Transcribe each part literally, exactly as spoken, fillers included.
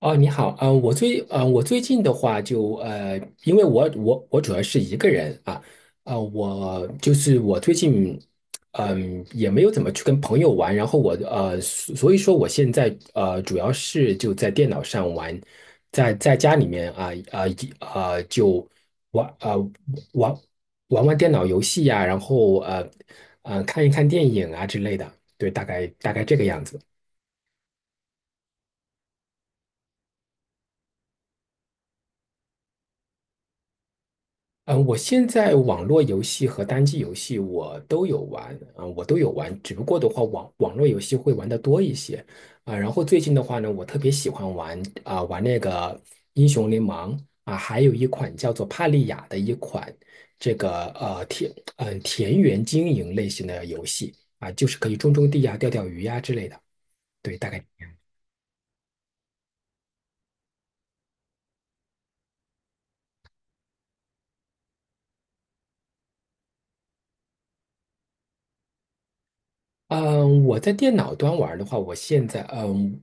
哦，你好，啊，我最啊，我最近的话就呃，因为我我我主要是一个人啊。呃，我就是我最近嗯、也没有怎么去跟朋友玩，然后我呃，所所以说我现在呃主要是就在电脑上玩，在在家里面啊啊啊、呃就玩啊、呃玩玩玩电脑游戏呀、然后呃呃看一看电影啊之类的。对，大概大概这个样子。嗯，我现在网络游戏和单机游戏我都有玩，啊、我都有玩，只不过的话网网络游戏会玩的多一些。啊，然后最近的话呢，我特别喜欢玩啊、玩那个英雄联盟啊、还有一款叫做帕利亚的一款这个呃田嗯、呃田园经营类型的游戏啊，就是可以种种地呀、钓钓鱼呀、之类的。对，大概。嗯，我在电脑端玩的话，我现在嗯，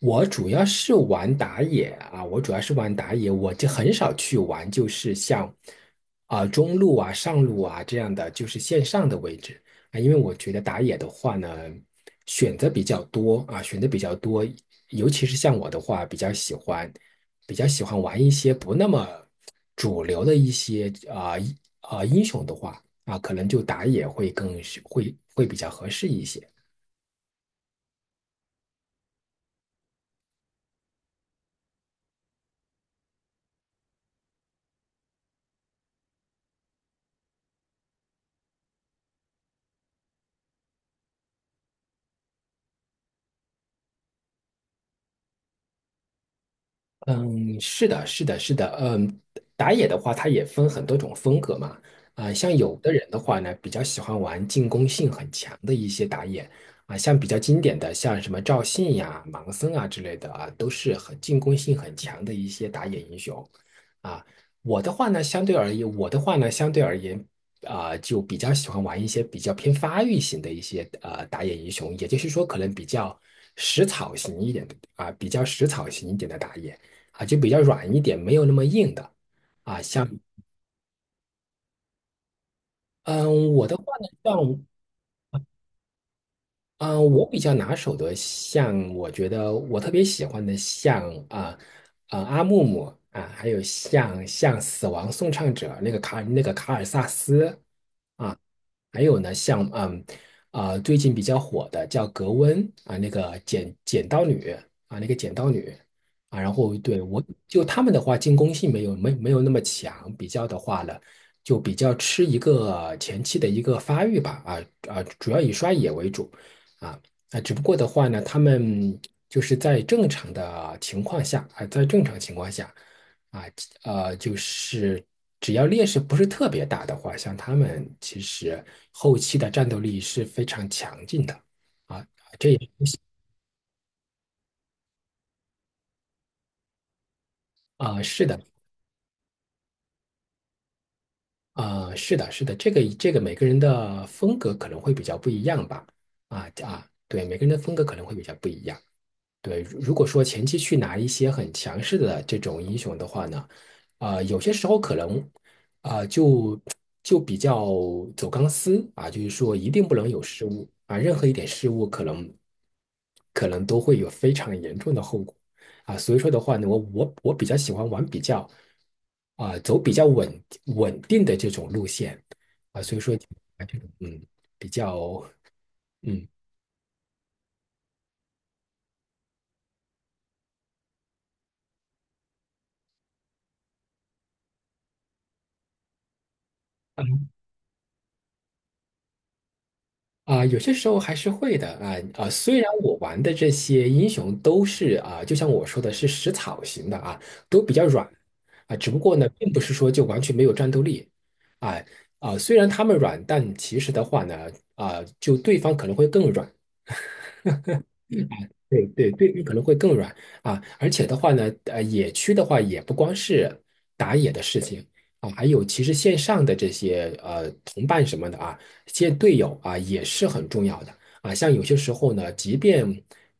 我主要是玩打野啊，我主要是玩打野，我就很少去玩，就是像啊、中路啊、上路啊这样的，就是线上的位置。啊，因为我觉得打野的话呢，选择比较多啊，选择比较多。尤其是像我的话，比较喜欢比较喜欢玩一些不那么主流的一些啊啊、英雄的话。啊，可能就打野会更会会比较合适一些。嗯，是的，是的，是的。嗯，打野的话，它也分很多种风格嘛。啊、像有的人的话呢，比较喜欢玩进攻性很强的一些打野。啊、像比较经典的，像什么赵信呀、盲僧啊之类的啊，都是很进攻性很强的一些打野英雄。啊，我的话呢，相对而言，我的话呢，相对而言，啊、就比较喜欢玩一些比较偏发育型的一些呃打野英雄，也就是说，可能比较食草型一点的啊、比较食草型一点的打野。啊，就比较软一点，没有那么硬的啊。像，嗯，我的话呢，像，嗯，我比较拿手的，像我觉得我特别喜欢的像，啊啊阿木木啊，还有像像死亡颂唱者那个卡那个卡尔萨斯啊。还有呢，像嗯啊、最近比较火的叫格温啊，那个剪剪刀女啊，那个剪刀女啊。然后对，我就他们的话，进攻性没有没没有那么强，比较的话呢，就比较吃一个前期的一个发育吧。啊啊，主要以刷野为主啊。啊，只不过的话呢，他们就是在正常的情况下啊，在正常情况下。啊，呃，就是只要劣势不是特别大的话，像他们其实后期的战斗力是非常强劲的。啊啊，是的。啊是的，是的，这个这个每个人的风格可能会比较不一样吧。啊啊，对，每个人的风格可能会比较不一样。对，如如果说前期去拿一些很强势的这种英雄的话呢，啊、有些时候可能啊、就就比较走钢丝啊，就是说一定不能有失误啊，任何一点失误可能可能都会有非常严重的后果。啊，所以说的话呢，我我我比较喜欢玩比较啊、走比较稳稳定的这种路线。啊，所以说啊，这种嗯比较嗯。啊、有些时候还是会的啊。啊、虽然我玩的这些英雄都是啊、就像我说的是食草型的啊，都比较软。啊、只不过呢，并不是说就完全没有战斗力啊。啊、虽然他们软，但其实的话呢，啊、就对方可能会更软。对对对，面可能会更软。啊，而且的话呢，呃，野区的话也不光是打野的事情。啊，还有其实线上的这些呃同伴什么的啊，见队友啊也是很重要的。啊。像有些时候呢，即便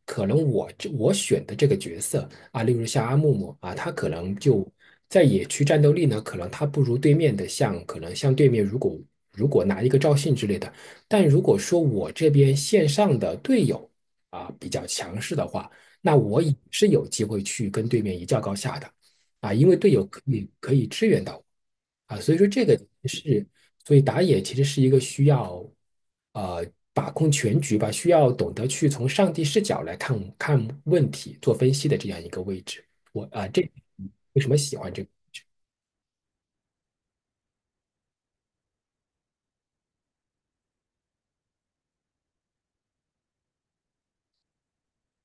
可能我这我选的这个角色啊，例如像阿木木啊，他可能就在野区战斗力呢，可能他不如对面的像可能像对面如果如果拿一个赵信之类的，但如果说我这边线上的队友。啊，比较强势的话，那我也是有机会去跟对面一较高下的。啊，因为队友可以可以支援到我。啊，所以说这个是，所以打野其实是一个需要呃把控全局吧，需要懂得去从上帝视角来看看问题、做分析的这样一个位置。我啊，这为什么喜欢这个？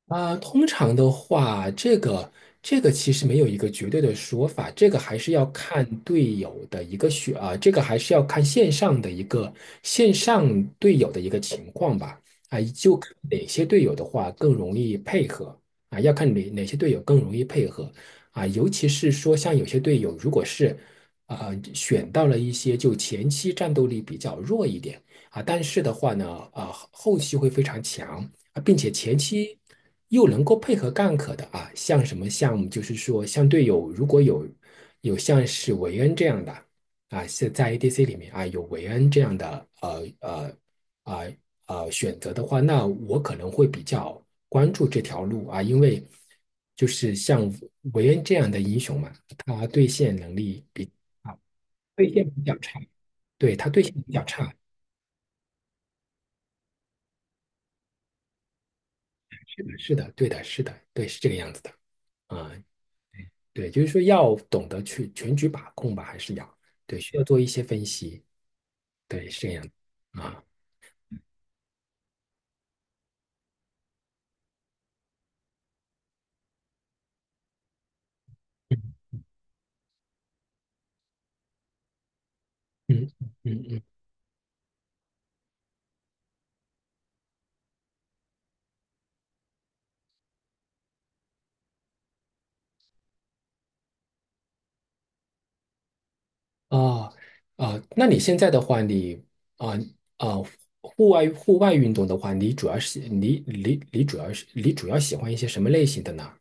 啊，通常的话，这个这个其实没有一个绝对的说法，这个还是要看队友的一个选啊，这个还是要看线上的一个线上队友的一个情况吧。啊，就看哪些队友的话更容易配合。啊，要看哪哪些队友更容易配合。啊，尤其是说像有些队友如果是啊选到了一些就前期战斗力比较弱一点。啊，但是的话呢，啊，后期会非常强。啊，并且前期又能够配合干可的啊，像什么项目，就是说像队友如果有有像是韦恩这样的啊，是在 A D C 里面啊有韦恩这样的呃呃啊呃呃选择的话，那我可能会比较关注这条路啊，因为就是像韦恩这样的英雄嘛，他对线能力比啊对线比较差，对他对线比较差。是的，是的，对的，是的，对，是这个样子的啊。对，就是说要懂得去全局把控吧，还是要，对，需要做一些分析。对，是这样的啊，嗯嗯嗯，嗯。哦。啊，那你现在的话，你啊啊，户外户外运动的话，你主要是你你你主要是你主要喜欢一些什么类型的呢？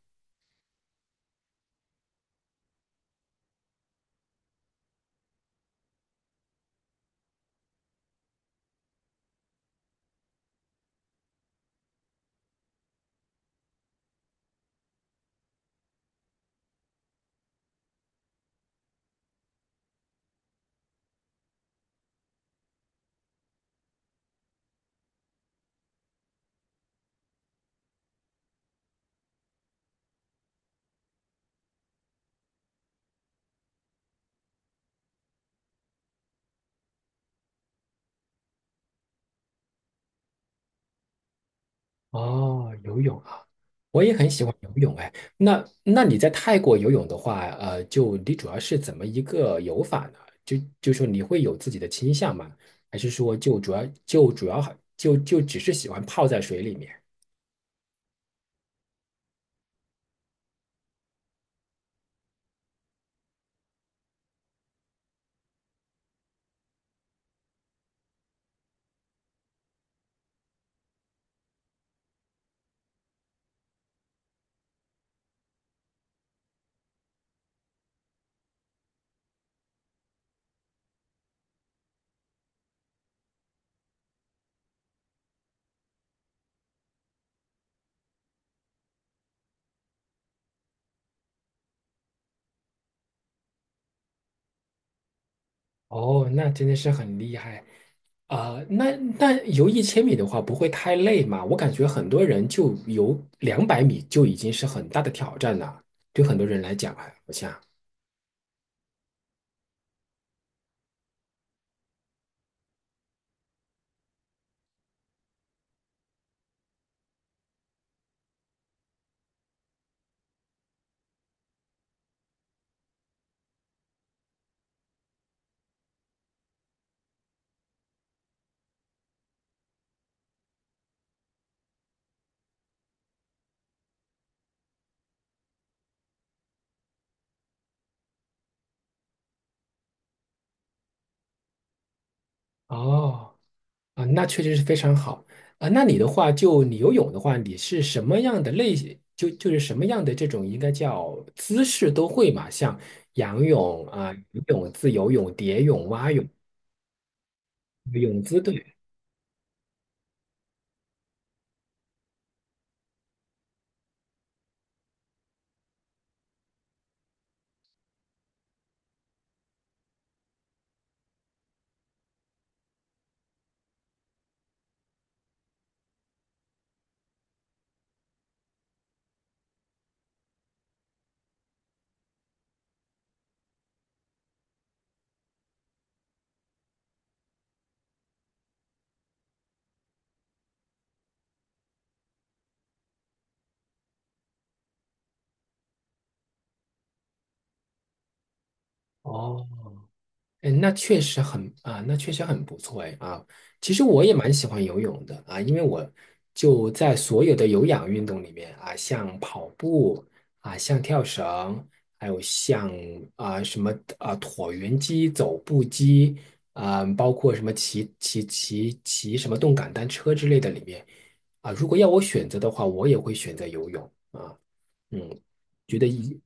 哦，游泳啊，我也很喜欢游泳哎。那那你在泰国游泳的话，呃，就你主要是怎么一个游法呢？就就说你会有自己的倾向吗？还是说就主要就主要就就只是喜欢泡在水里面？哦，那真的是很厉害啊。那那游一千米的话，不会太累吗？我感觉很多人就游两百米就已经是很大的挑战了，对很多人来讲啊，我想。哦，啊，那确实是非常好啊。那你的话，就你游泳的话，你是什么样的类型？就就是什么样的这种应该叫姿势都会嘛？像仰泳啊、游泳、自由泳、蝶泳、蛙泳、泳姿对。哦嗯，那确实很啊，那确实很不错哎啊。其实我也蛮喜欢游泳的啊，因为我就在所有的有氧运动里面啊，像跑步啊，像跳绳，还有像啊什么啊椭圆机、走步机啊，包括什么骑骑骑骑什么动感单车之类的里面啊，如果要我选择的话，我也会选择游泳啊。嗯，觉得一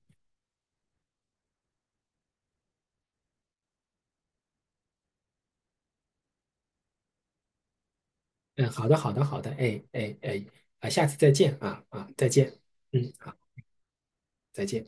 嗯，好的，好的，好的，哎哎哎，啊，下次再见啊啊，再见。嗯，再见。